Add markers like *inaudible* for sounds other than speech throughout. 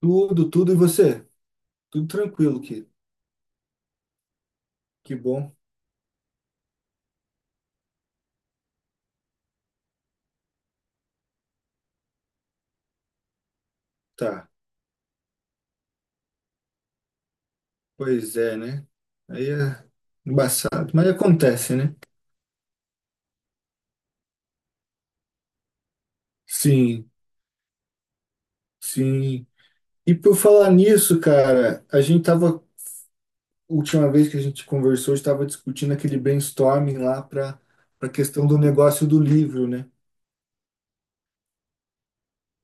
Tudo, tudo, e você? Tudo tranquilo, que bom. Tá, pois é, né? Aí é embaçado, mas acontece, né? Sim, sim. E por falar nisso, cara, a gente tava, última vez que a gente conversou, estava discutindo aquele brainstorming lá para questão do negócio do livro, né?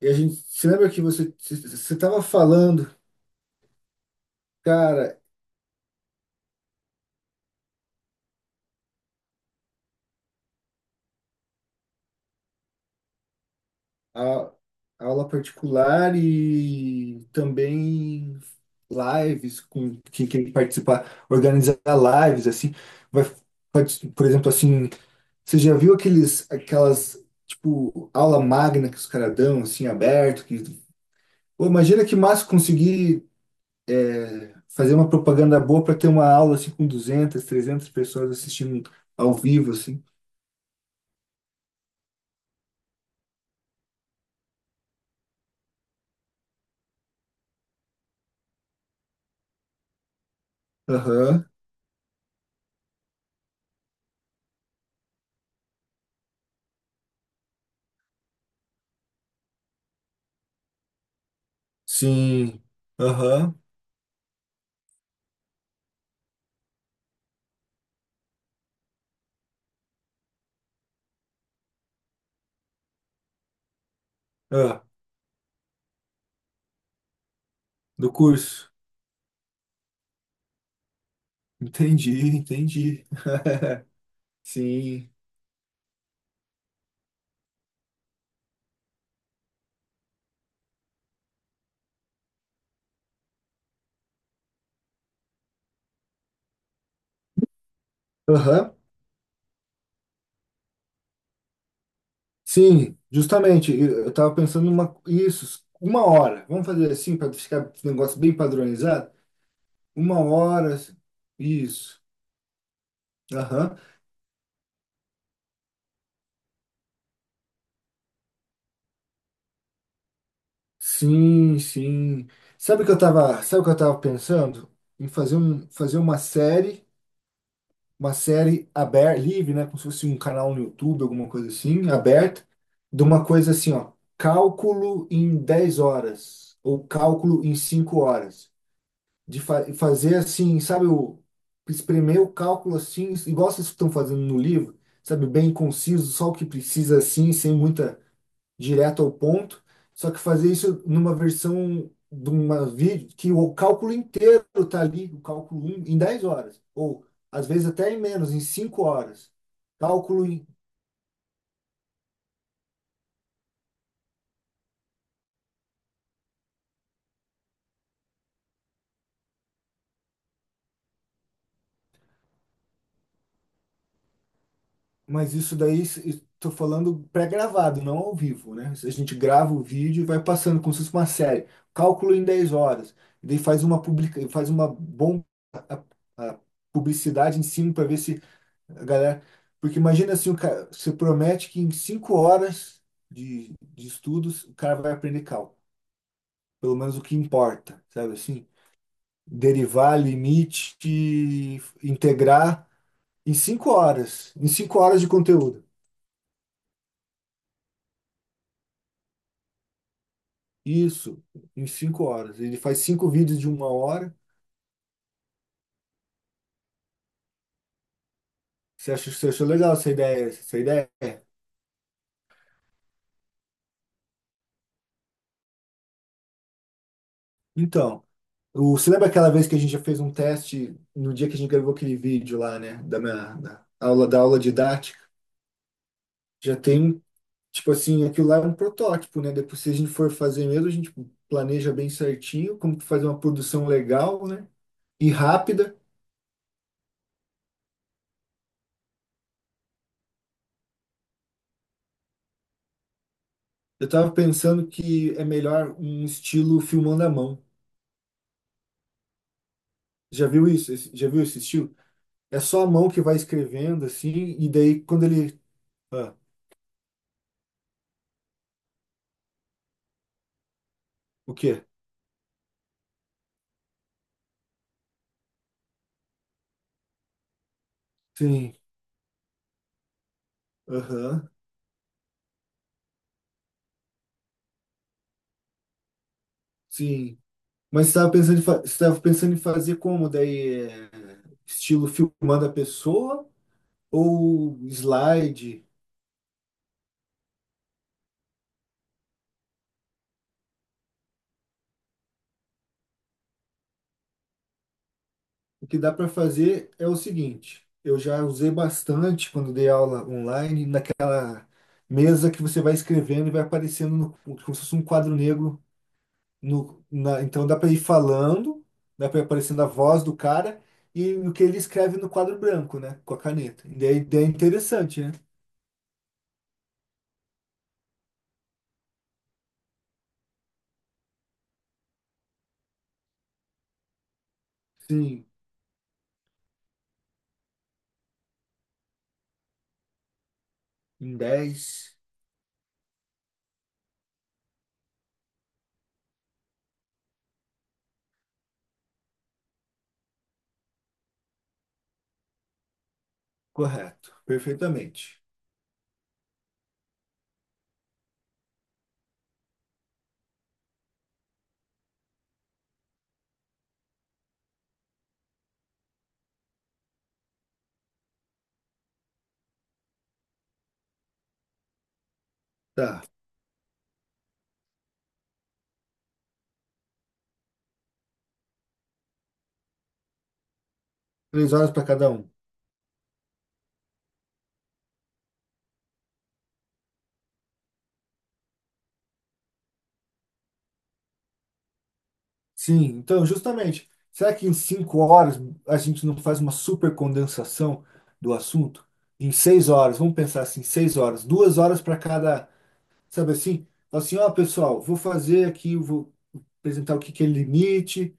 E a gente, se lembra que você estava falando, cara, a- aula particular e também lives com quem quer participar, organizar lives assim, vai, por exemplo, assim, você já viu aqueles aquelas tipo aula magna que os caras dão assim aberto que Pô, imagina que massa conseguir fazer uma propaganda boa para ter uma aula assim com 200 300 pessoas assistindo ao vivo assim. Aham. Sim. Aham. Ah, do curso. Entendi, entendi. *laughs* Sim. Aham. Sim, justamente. Eu estava pensando em uma, isso, uma hora. Vamos fazer assim para ficar esse negócio bem padronizado? Uma hora. Isso. Aham. Sim, sim. Sabe o que eu tava pensando? Em fazer uma série. Uma série aberta, livre, né? Como se fosse um canal no YouTube, alguma coisa assim, aberta, de uma coisa assim, ó, cálculo em 10 horas, ou cálculo em 5 horas. De fazer assim, sabe, espremer o cálculo assim, igual vocês estão fazendo no livro, sabe, bem conciso, só o que precisa assim, sem muita direto ao ponto, só que fazer isso numa versão de uma vídeo que o cálculo inteiro tá ali, o cálculo 1, em 10 horas, ou às vezes até em menos, em 5 horas. Cálculo, em- mas isso daí estou falando pré-gravado, não ao vivo, né? A gente grava o vídeo e vai passando como se fosse uma série. Cálculo em 10 horas. E daí faz uma bomba a- a publicidade em cima para ver se A galera, porque imagina assim, o cara, você promete que em cinco horas de estudos o cara vai aprender cálculo, pelo menos o que importa, sabe assim? Derivar, limite, integrar em cinco horas de conteúdo. Isso, em cinco horas. Ele faz cinco vídeos de uma hora. Você achou legal essa ideia? Essa ideia? Então, o, você lembra aquela vez que a gente já fez um teste no dia que a gente gravou aquele vídeo lá, né? Da aula didática? Já tem um Tipo assim, aquilo lá é um protótipo, né? Depois, se a gente for fazer mesmo, a gente planeja bem certinho como que fazer uma produção legal, né? E rápida. Eu tava pensando que é melhor um estilo filmando à mão. Já viu isso? Já viu esse estilo? É só a mão que vai escrevendo, assim, e daí quando ele. Ah, o quê? Sim. Aham. Sim. Mas você estava pensando em você tava pensando em fazer como? Daí, é, estilo filmando a pessoa ou slide? O que dá para fazer é o seguinte: eu já usei bastante quando dei aula online, naquela mesa que você vai escrevendo e vai aparecendo no, como se fosse um quadro negro. No, na- então dá para ir falando, dá para ir aparecendo a voz do cara e o que ele escreve no quadro branco, né? Com a caneta. E daí é interessante, né? Sim, em dez correto, perfeitamente. Tá, três horas para cada um. Sim, então, justamente, será que em cinco horas a gente não faz uma super condensação do assunto? Em seis horas, vamos pensar assim, seis horas, duas horas para cada, sabe assim? Fala assim, ó, pessoal, vou fazer aqui, eu vou apresentar o que que é limite,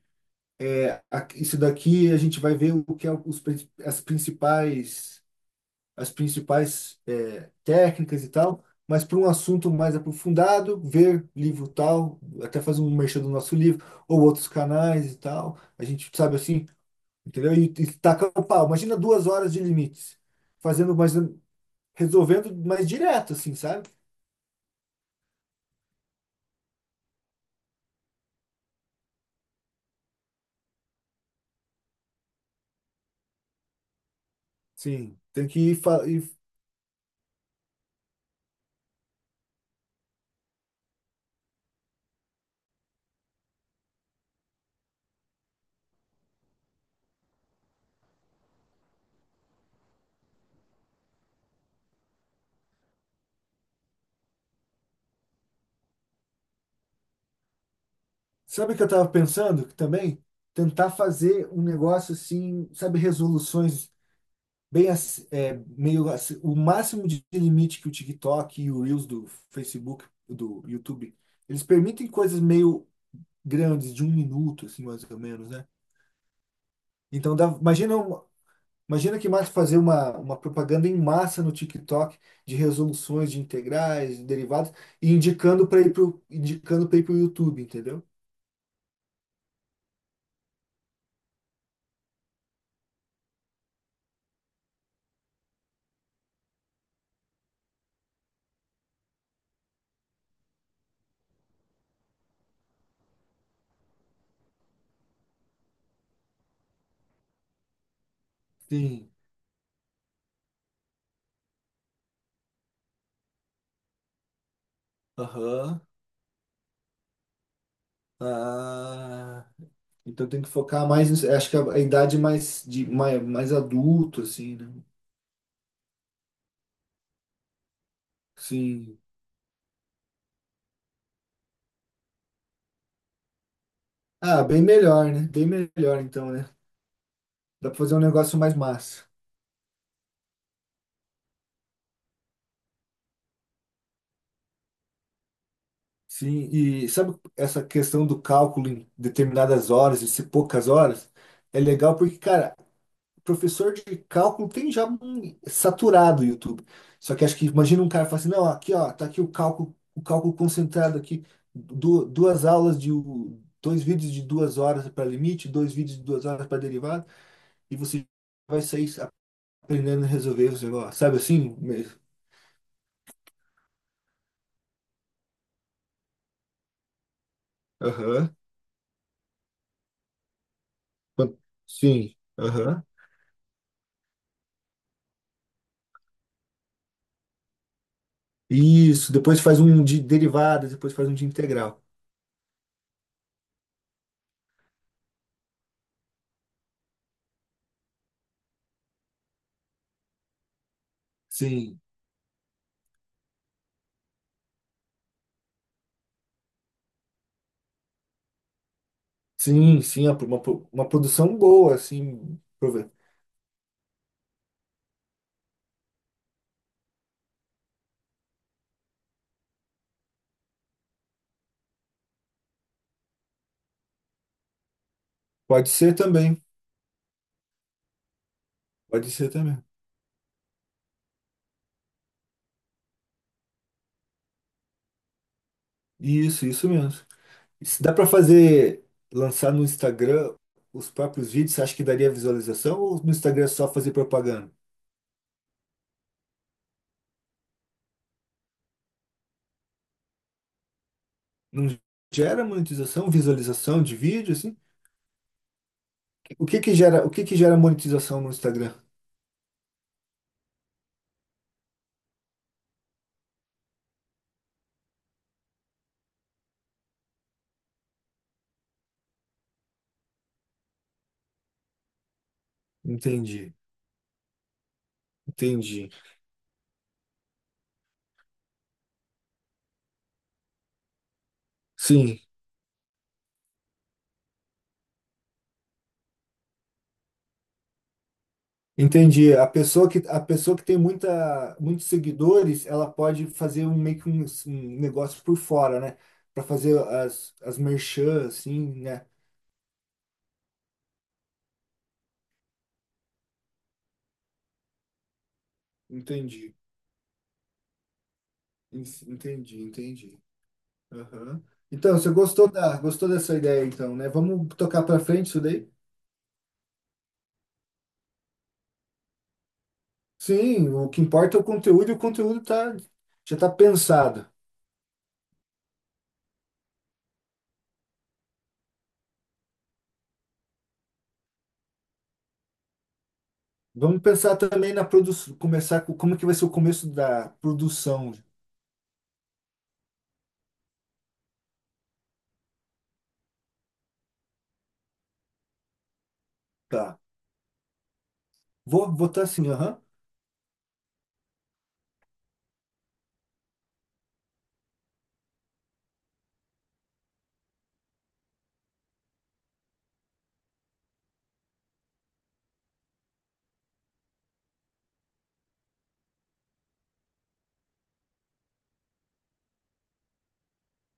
isso daqui a gente vai ver o que é as principais as principais técnicas e tal, mas para um assunto mais aprofundado, ver livro tal, até fazer um merchan do nosso livro, ou outros canais e tal. A gente sabe assim, entendeu? E taca o pau. Imagina duas horas de limites, fazendo mais, resolvendo mais direto, assim, sabe? Sim, tem que ir. Sabe o que eu tava pensando? Que também tentar fazer um negócio assim, sabe, resoluções bem ass- é, meio ass- o máximo de limite que o TikTok e o Reels do Facebook, do YouTube, eles permitem coisas meio grandes, de um minuto, assim, mais ou menos, né? Então, imagina que massa fazer uma propaganda em massa no TikTok de resoluções de integrais, de derivados, e indicando para ir pro YouTube, entendeu? Sim. Aham. Ah. Então tem que focar mais, nisso. Acho que a idade mais de mais, mais adulto assim, né? Sim. Ah, bem melhor, né? Bem melhor então, né? Dá pra fazer um negócio mais massa. Sim, e sabe essa questão do cálculo em determinadas horas e se poucas horas? É legal porque, cara, professor de cálculo tem já um saturado o YouTube. Só que acho que imagina um cara falar assim, não, aqui ó, tá aqui o cálculo concentrado aqui, du- duas aulas de u- dois vídeos de duas horas para limite, dois vídeos de duas horas para derivada, e você vai sair aprendendo a resolver os negócios, sabe assim? Aham. Quan- Sim. Aham. Isso. Depois faz um de derivada, depois faz um de integral. Sim. Sim, sim. Uma uma produção boa, assim. Prove- Pode ser também. Pode ser também. Isso mesmo. Se dá para fazer, lançar no Instagram os próprios vídeos, você acha que daria visualização? Ou no Instagram é só fazer propaganda? Não gera monetização, visualização de vídeo, assim? O que que gera monetização no Instagram? Entendi, entendi. Sim, Entendi. A pessoa que tem muitos seguidores, ela pode fazer um negócio por fora, né? Para fazer as merchan, assim, né? Entendi. En- Entendi, entendi. Aham. Então, gostou dessa ideia, então, né? Vamos tocar para frente isso daí? Sim, o que importa é o conteúdo, e o conteúdo tá, já está pensado. Vamos pensar também na produção, começar com como que vai ser o começo da produção, tá? Vou botar assim, aham.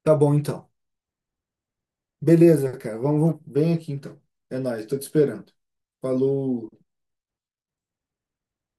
Tá bom, então. Beleza, cara. Vem aqui então. É nóis, tô te esperando. Falou.